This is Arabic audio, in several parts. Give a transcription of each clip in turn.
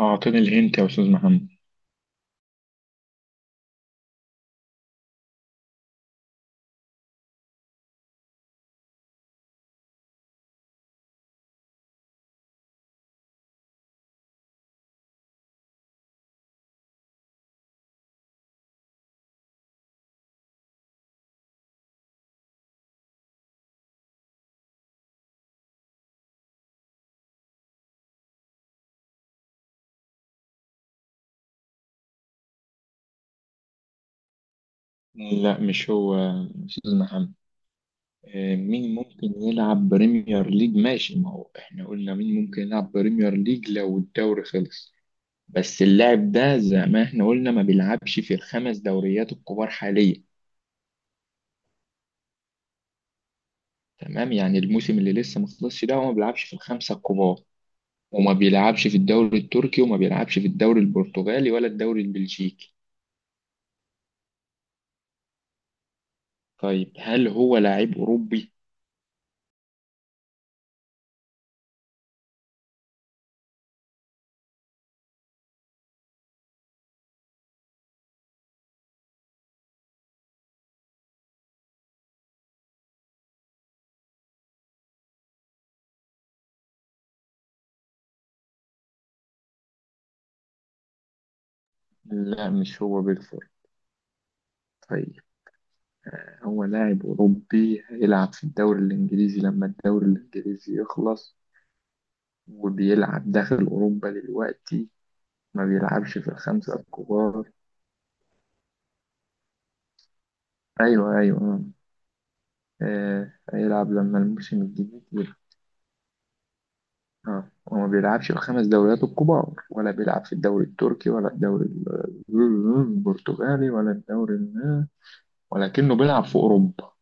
أعطيني الهنت يا أستاذ محمد. لا مش هو يا أستاذ محمد. مين ممكن يلعب بريمير ليج؟ ماشي، ما هو إحنا قلنا مين ممكن يلعب بريمير ليج لو الدوري خلص. بس اللاعب ده زي ما إحنا قلنا ما بيلعبش في الخمس دوريات الكبار حاليا. تمام، يعني الموسم اللي لسه ما خلصش ده هو ما بيلعبش في الخمسة الكبار، وما بيلعبش في الدوري التركي، وما بيلعبش في الدوري البرتغالي ولا الدوري البلجيكي. طيب، هل هو لاعب أوروبي؟ لا مش هو بالفعل. طيب، هو لاعب أوروبي هيلعب في الدوري الإنجليزي لما الدوري الإنجليزي يخلص، وبيلعب داخل أوروبا دلوقتي، ما بيلعبش في الخمسة الكبار. أيوه، أيوه، آه، هيلعب لما الموسم الجديد يبقى. آه، وما بيلعبش في الخمس دوريات الكبار، ولا بيلعب في الدوري التركي، ولا الدوري البرتغالي، ولا الدوري ولكنه بيلعب في أوروبا.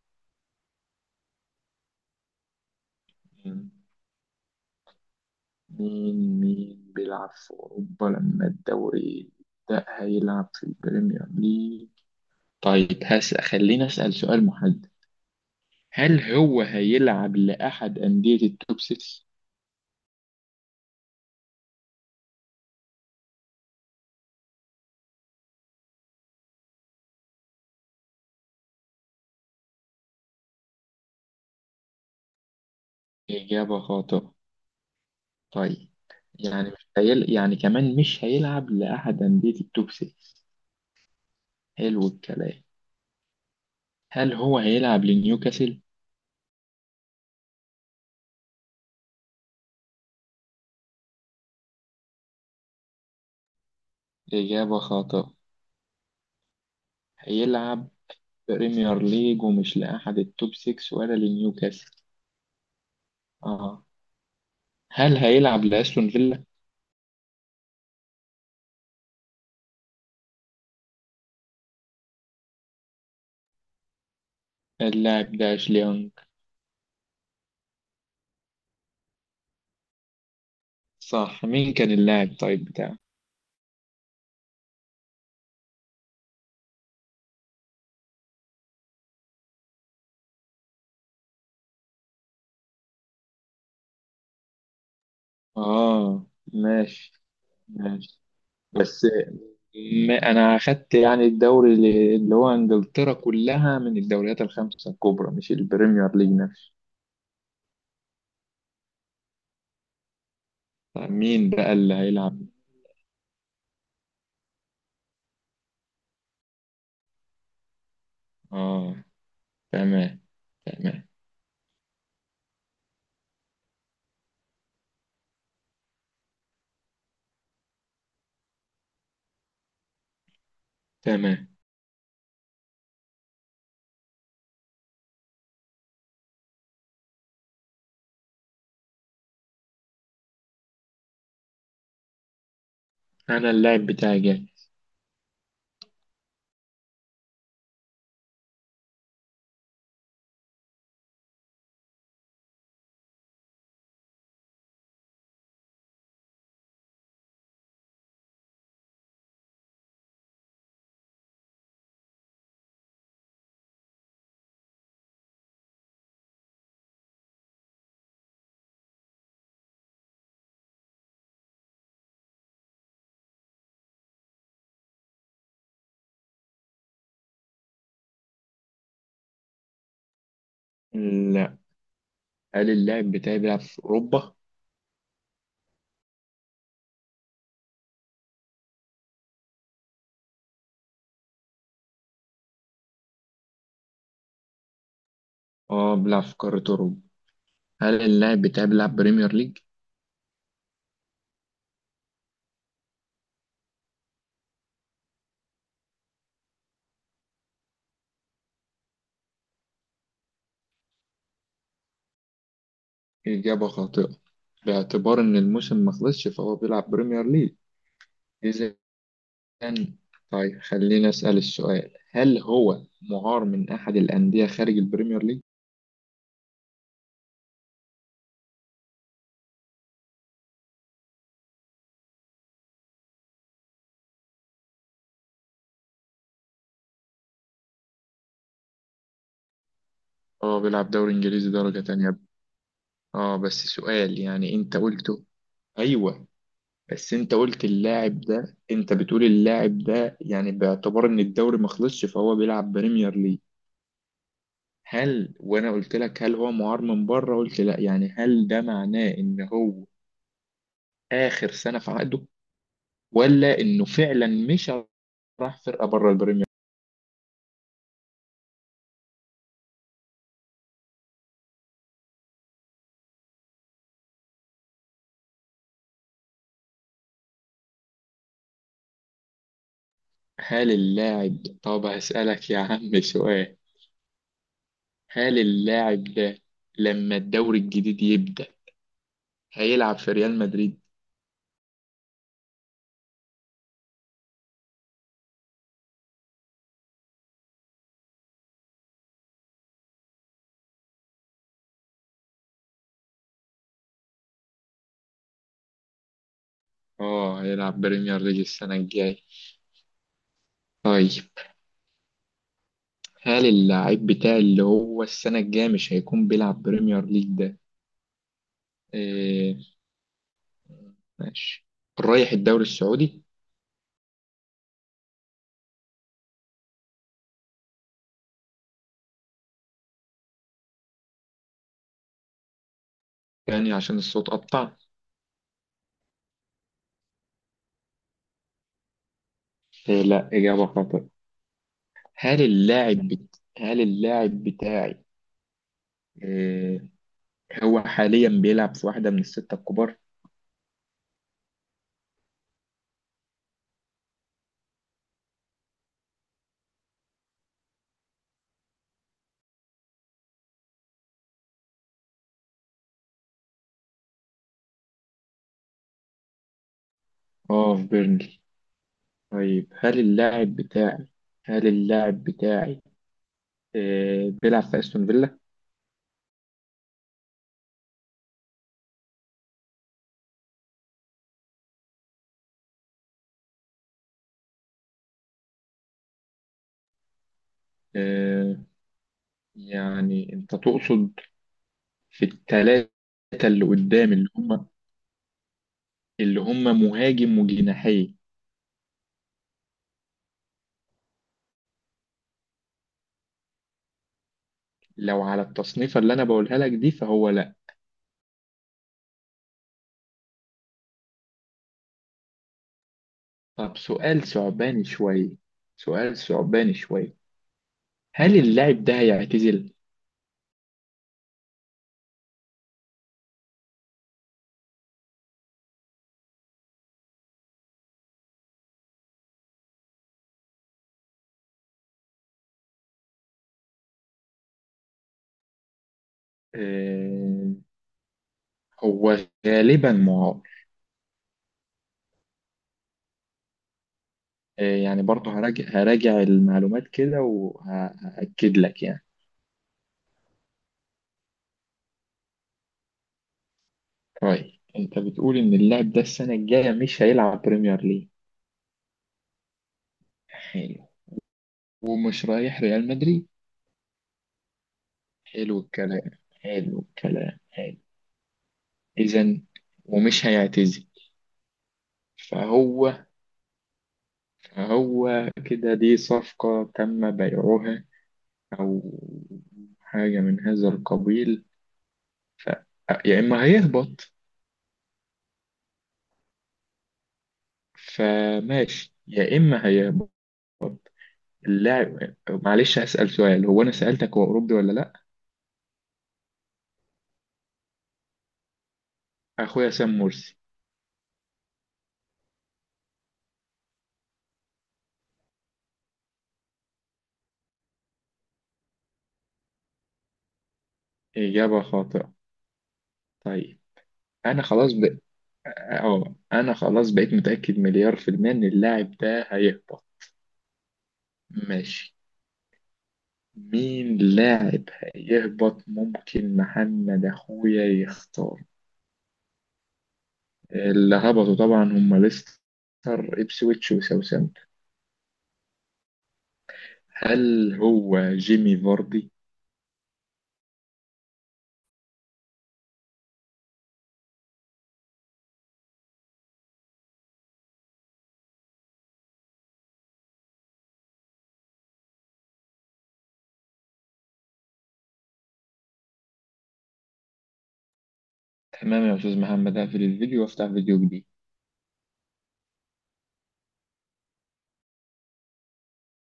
مين بيلعب في أوروبا لما الدوري ده هيلعب في البريمير ليج؟ طيب خليني أسأل سؤال محدد. هل هو هيلعب لأحد أندية التوب 6؟ إجابة خاطئة. طيب، يعني مش هيل... يعني كمان مش هيلعب لأحد أندية التوب 6. حلو الكلام. هل هو هيلعب لنيوكاسل؟ إجابة خاطئة. هيلعب بريمير ليج ومش لأحد التوب 6 ولا لنيوكاسل. اه، هل هيلعب لأستون فيلا؟ اللاعب ده أشلي يونغ. صح، مين كان اللاعب طيب بتاعه؟ آه، ماشي، ماشي. بس أنا أخدت يعني الدوري اللي هو إنجلترا كلها من الدوريات الخمسة الكبرى، مش البريمير ليج نفسه. طيب مين بقى اللي هيلعب؟ آه، تمام، تمام، تمام. أنا اللاعب بتاعي جاي. لا. هل اللاعب بتاعي بيلعب في أوروبا؟ آه، بيلعب في قارة أوروبا. هل اللاعب بتاعي بيلعب بريمير ليج؟ إجابة خاطئة. باعتبار إن الموسم ما خلصش فهو بيلعب بريمير ليج. إذا طيب، خلينا أسأل السؤال. هل هو معار من أحد الأندية خارج البريمير ليج؟ اه، بيلعب دوري إنجليزي درجة تانية. اه بس سؤال، يعني أنت قلته. أيوه. بس أنت قلت اللاعب ده، أنت بتقول اللاعب ده يعني باعتبار إن الدوري ما خلصش فهو بيلعب بريمير ليج. هل، وأنا قلت لك هل هو معار من بره، قلت لا، يعني هل ده معناه إن هو آخر سنة في عقده؟ ولا انه فعلا مش راح فرقه بره البريمير. هل اللاعب، طب هسألك يا عم سؤال. هل اللاعب ده لما الدوري الجديد يبدأ هيلعب في ريال مدريد؟ اه، هيلعب بريمير ليج السنة الجاية. طيب، هل اللاعب بتاع اللي هو السنة الجاية مش هيكون بيلعب بريمير ليج ده؟ إيه، ماشي، رايح الدوري السعودي؟ يعني عشان الصوت قطع؟ إيه لا، إجابة خاطئة. هل اللاعب بتاعي آه، هو حاليا بيلعب في واحدة من الستة الكبار؟ اه، في بيرنلي. طيب هل اللاعب بتاعي بيلعب في استون فيلا؟ آه، يعني انت تقصد في التلاتة اللي قدام، اللي هم مهاجم وجناحي. لو على التصنيفة اللي انا بقولها لك دي فهو لا. طب سؤال ثعباني شوية. سؤال ثعباني شوية. هل اللاعب ده هيعتزل؟ آه، هو غالبا معاق. آه، يعني برضه هراجع المعلومات كده وهأكد لك يعني. طيب انت بتقول ان اللاعب ده السنة الجاية مش هيلعب بريمير ليج. حلو. ومش رايح ريال مدريد. حلو الكلام. حلو الكلام، حلو. اذا ومش هيعتزل. فهو فهو كده، دي صفقة تم بيعها، او حاجة من هذا القبيل. ف... يا اما هيهبط. فماشي، يا اما هيهبط. اللاعب، معلش هسأل سؤال. هو أنا سألتك هو أوروبي ولا لأ؟ أخويا سام مرسي. إجابة خاطئة. طيب أنا خلاص ب... أنا خلاص بقيت متأكد مليار في المية إن اللاعب ده هيهبط. ماشي. مين لاعب هيهبط ممكن محمد أخويا يختار. اللي هبطوا طبعا هم ليستر، إبسويتش، وساوثهامبتون. هل هو جيمي فاردي؟ تمام يا أستاذ محمد، هقفل الفيديو وأفتح فيديو جديد.